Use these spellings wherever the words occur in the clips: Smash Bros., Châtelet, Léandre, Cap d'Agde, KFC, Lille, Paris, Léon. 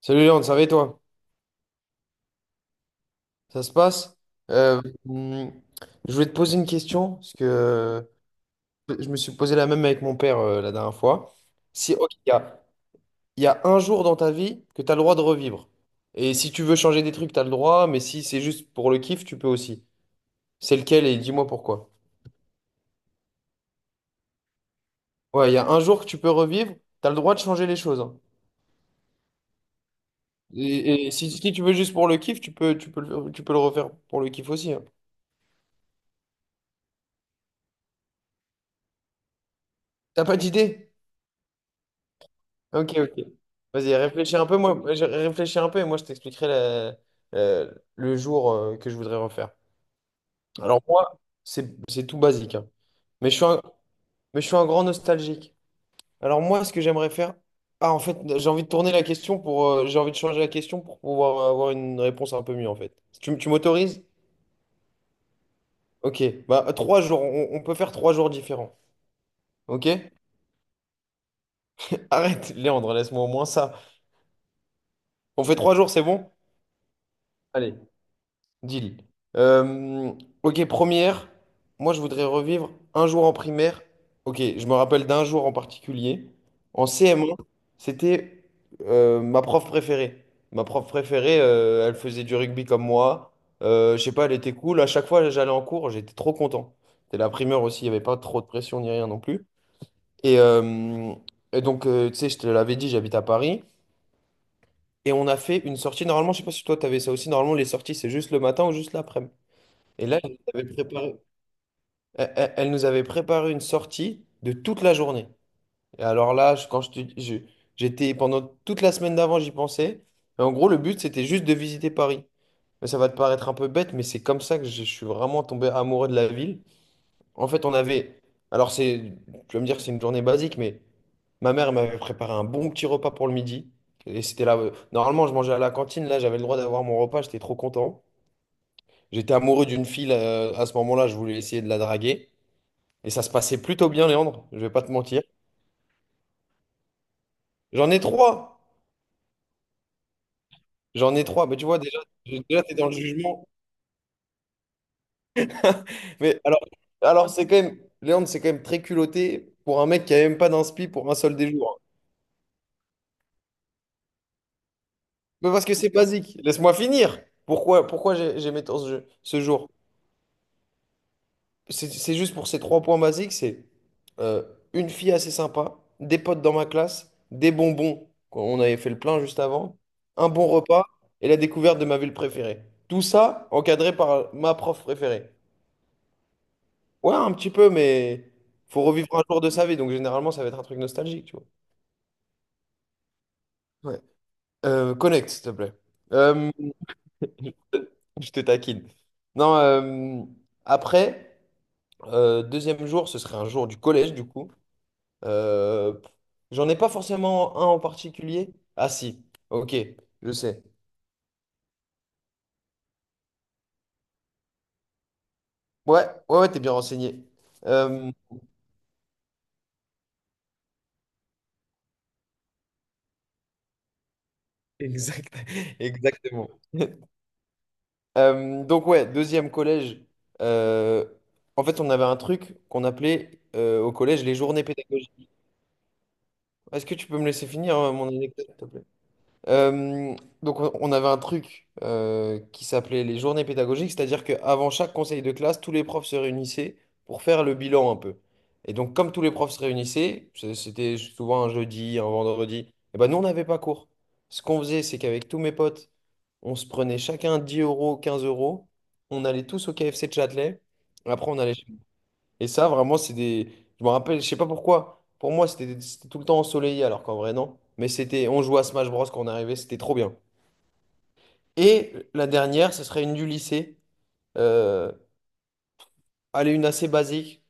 Salut Léon, ça va et toi? Ça se passe? Ouais. Hum, je voulais te poser une question, parce que je me suis posé la même avec mon père la dernière fois. Si, ok, il y a un jour dans ta vie que tu as le droit de revivre. Et si tu veux changer des trucs, tu as le droit, mais si c'est juste pour le kiff, tu peux aussi. C'est lequel et dis-moi pourquoi. Ouais, il y a un jour que tu peux revivre, tu as le droit de changer les choses, hein. Et si, si tu veux juste pour le kiff, tu peux, tu peux le refaire pour le kiff aussi, hein. T'as pas d'idée? Ok, ok. Vas-y, réfléchis un peu, moi, je réfléchis un peu et moi je t'expliquerai la- le jour que je voudrais refaire. Alors moi, c'est tout basique, hein. Mais je suis un, mais je suis un grand nostalgique. Alors moi, ce que j'aimerais faire, ah en fait, j'ai envie de tourner la question pour, j'ai envie de changer la question pour pouvoir avoir une réponse un peu mieux en fait. Tu m'autorises? Ok, bah trois jours, on peut faire trois jours différents. Ok? Arrête, Léandre, laisse-moi au moins ça. On fait trois jours, c'est bon? Allez. Deal. Euh, ok, première, moi je voudrais revivre un jour en primaire. Ok, je me rappelle d'un jour en particulier. En CM1, c'était ma prof préférée. Ma prof préférée, elle faisait du rugby comme moi. Je sais pas, elle était cool. À chaque fois, j'allais en cours, j'étais trop content. C'était la primaire aussi, il n'y avait pas trop de pression ni rien non plus. Et, euh, et donc, tu sais, je te l'avais dit, j'habite à Paris. Et on a fait une sortie. Normalement, je sais pas si toi, tu avais ça aussi. Normalement, les sorties, c'est juste le matin ou juste l'après-midi. Et là, elle nous avait préparé une sortie de toute la journée. Et alors là, je- quand je te- je- j'étais pendant toute la semaine d'avant, j'y pensais. Et en gros, le but, c'était juste de visiter Paris. Mais ça va te paraître un peu bête, mais c'est comme ça que je suis vraiment tombé amoureux de la ville. En fait, on avait, alors c'est, tu vas me dire que c'est une journée basique, mais ma mère elle m'avait préparé un bon petit repas pour le midi. Et c'était là, normalement, je mangeais à la cantine. Là, j'avais le droit d'avoir mon repas. J'étais trop content. J'étais amoureux d'une fille à ce moment-là. Je voulais essayer de la draguer. Et ça se passait plutôt bien, Léandre, je vais pas te mentir. J'en ai trois. J'en ai trois. Mais tu vois, déjà, déjà tu es dans le jugement. Mais alors, alors c'est quand même, Léandre, c'est quand même très culotté pour un mec qui a même pas d'inspi pour un seul des jours. Mais parce que c'est basique. Laisse-moi finir. Pourquoi j'aimais tant ce jeu, ce jour? C'est juste pour ces trois points basiques, c'est euh, une fille assez sympa, des potes dans ma classe, des bonbons, quoi, on avait fait le plein juste avant, un bon repas et la découverte de ma ville préférée. Tout ça encadré par ma prof préférée. Ouais, un petit peu, mais faut revivre un jour de sa vie, donc généralement ça va être un truc nostalgique, tu vois. Ouais. Connect, s'il te plaît. Euh, je te taquine. Non, après, deuxième jour, ce serait un jour du collège, du coup. Euh, j'en ai pas forcément un en particulier. Ah si, ok, je sais. Ouais, ouais, ouais, t'es bien renseigné. Euh, exact, exactement. Donc ouais, deuxième collège. euh, En fait, on avait un truc qu'on appelait au collège les journées pédagogiques. Est-ce que tu peux me laisser finir mon anecdote, s'il te plaît? Euh, donc on avait un truc qui s'appelait les journées pédagogiques, c'est-à-dire qu'avant chaque conseil de classe, tous les profs se réunissaient pour faire le bilan un peu. Et donc comme tous les profs se réunissaient, c'était souvent un jeudi, un vendredi, et ben nous on n'avait pas cours. Ce qu'on faisait, c'est qu'avec tous mes potes, on se prenait chacun 10 euros, 15 euros, on allait tous au KFC de Châtelet, après on allait et ça, vraiment, c'est des. Je me rappelle, je sais pas pourquoi. Pour moi, c'était tout le temps ensoleillé, alors qu'en vrai, non. Mais c'était. On jouait à Smash Bros. Quand on arrivait, c'était trop bien. Et la dernière, ce serait une du lycée. Euh, elle est une assez basique.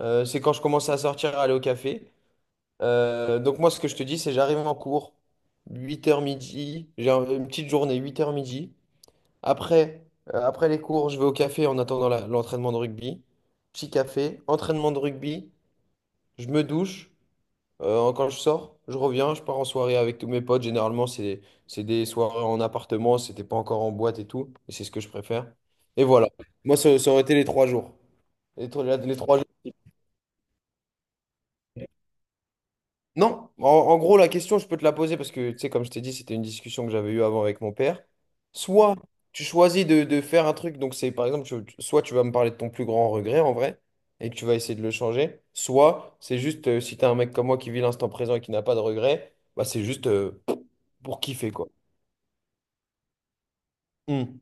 C'est quand je commençais à sortir, à aller au café. Donc, moi, ce que je te dis, c'est j'arrive en cours, huit heures midi. Une petite journée, huit heures midi. Après, après les cours, je vais au café en attendant l'entraînement de rugby. Petit café, entraînement de rugby. Je me douche. Quand je sors, je reviens, je pars en soirée avec tous mes potes. Généralement, c'est des soirées en appartement, c'était pas encore en boîte et tout. Et c'est ce que je préfère. Et voilà. Moi, ça aurait été les trois jours. Les trois non, en, en gros, la question, je peux te la poser parce que, tu sais, comme je t'ai dit, c'était une discussion que j'avais eue avant avec mon père. Soit tu choisis de faire un truc, donc c'est par exemple, soit tu vas me parler de ton plus grand regret en vrai et que tu vas essayer de le changer, soit c'est juste, si t'es un mec comme moi qui vit l'instant présent et qui n'a pas de regrets, bah c'est juste pour kiffer quoi. Hmm.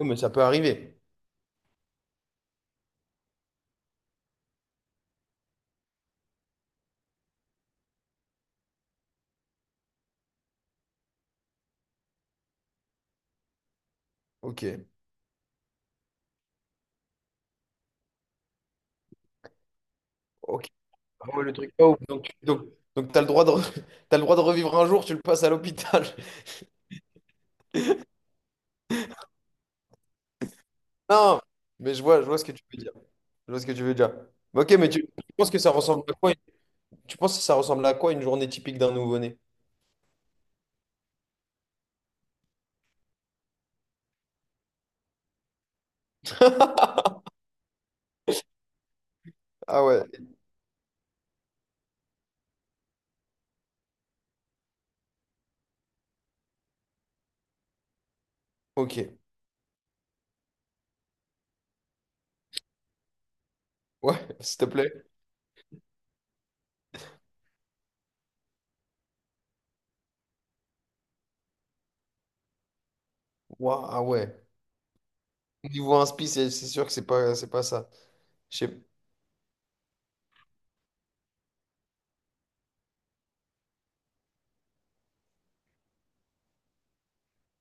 Ouais, mais ça peut arriver. Ok. Ok. Ah ouais, le truc pas ouf. Donc t'as le droit de, t'as le droit de revivre un jour, tu le passes à l'hôpital. Non, mais je vois ce que tu veux dire. Je vois ce que tu veux dire. Ok, mais tu penses que ça ressemble à quoi? Tu penses que ça ressemble à quoi une journée typique d'un nouveau-né? Ah ouais, ok. Ouais, s'il te plaît. Ouah, ah ouais. Niveau inspi, c'est sûr que c'est pas ça. Je sais-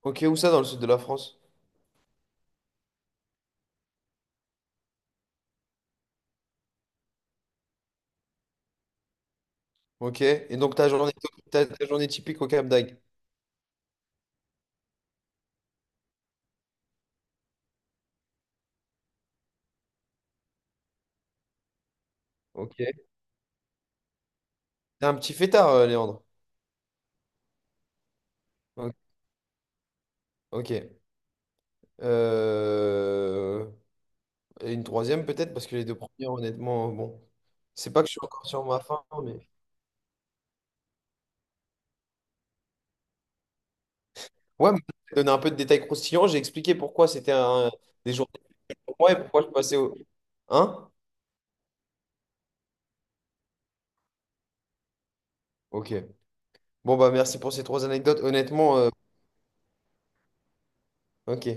ok, où ça dans le sud de la France? Ok. Et donc ta journée, ta journée typique au Cap d'Agde. Ok. T'es un petit fêtard, Léandre. Ok, ok. Euh, et une troisième peut-être, parce que les deux premières, honnêtement, bon. C'est pas que je suis encore sur ma faim, mais. Ouais, mais j'ai donné un peu de détails croustillants, j'ai expliqué pourquoi c'était un- des journées pour moi et pourquoi je passais au... Hein? Ok. Bon, bah merci pour ces trois anecdotes. Honnêtement, ok.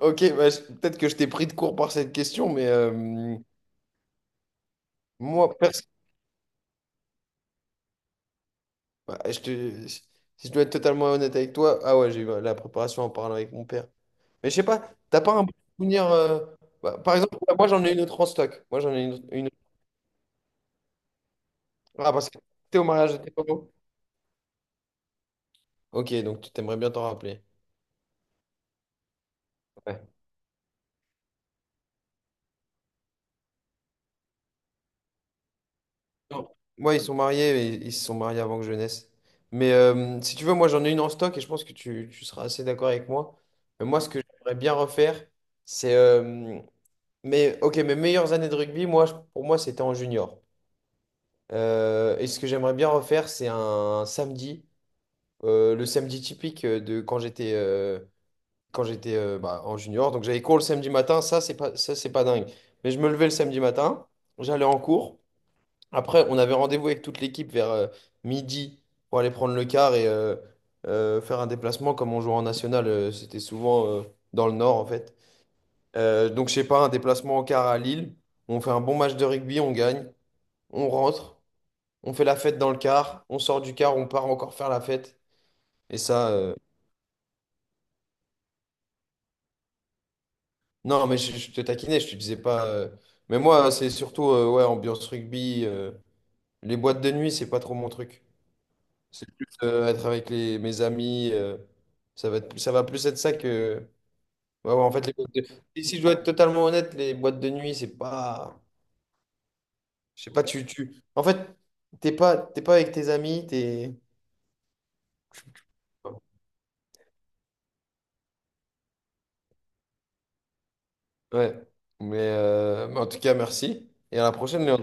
Ok, bah, peut-être que je t'ai pris de court par cette question, mais moi, perso- bah, je te... si je dois être totalement honnête avec toi, ah ouais, j'ai eu la préparation en parlant avec mon père. Mais je sais pas, t'as pas un bon souvenir... bah, par exemple, bah, moi j'en ai une autre en stock. Moi j'en ai une autre- ah, parce que t'étais au mariage de tes parents? Ok, donc tu t'aimerais bien t'en rappeler. Non. Ouais, ils sont mariés, mais ils se sont mariés avant que je naisse. Mais si tu veux, moi j'en ai une en stock et je pense que tu seras assez d'accord avec moi. Mais moi, ce que j'aimerais bien refaire, c'est... mais ok, mes meilleures années de rugby, moi, pour moi, c'était en junior. Et ce que j'aimerais bien refaire, c'est un samedi, le samedi typique de quand j'étais bah, en junior. Donc j'avais cours le samedi matin, ça c'est pas dingue. Mais je me levais le samedi matin, j'allais en cours. Après, on avait rendez-vous avec toute l'équipe vers midi pour aller prendre le car et faire un déplacement. Comme on jouait en national, c'était souvent dans le nord en fait. Donc, je sais pas, un déplacement en car à Lille. On fait un bon match de rugby, on gagne, on rentre, on fait la fête dans le car, on sort du car, on part encore faire la fête. Et ça, euh, non, mais je te taquinais, je te disais pas, mais moi, c'est surtout ouais, ambiance rugby, les boîtes de nuit, c'est pas trop mon truc. C'est plus être avec mes amis, ça va être, ça va plus être ça que. Ouais, ouais, en fait, les boîtes de- et si je dois être totalement honnête, les boîtes de nuit, c'est pas. Je sais pas, tu, tu. En fait, t'es pas avec tes amis, t'es. Ouais. Mais en tout cas, merci. Et à la prochaine, Léon.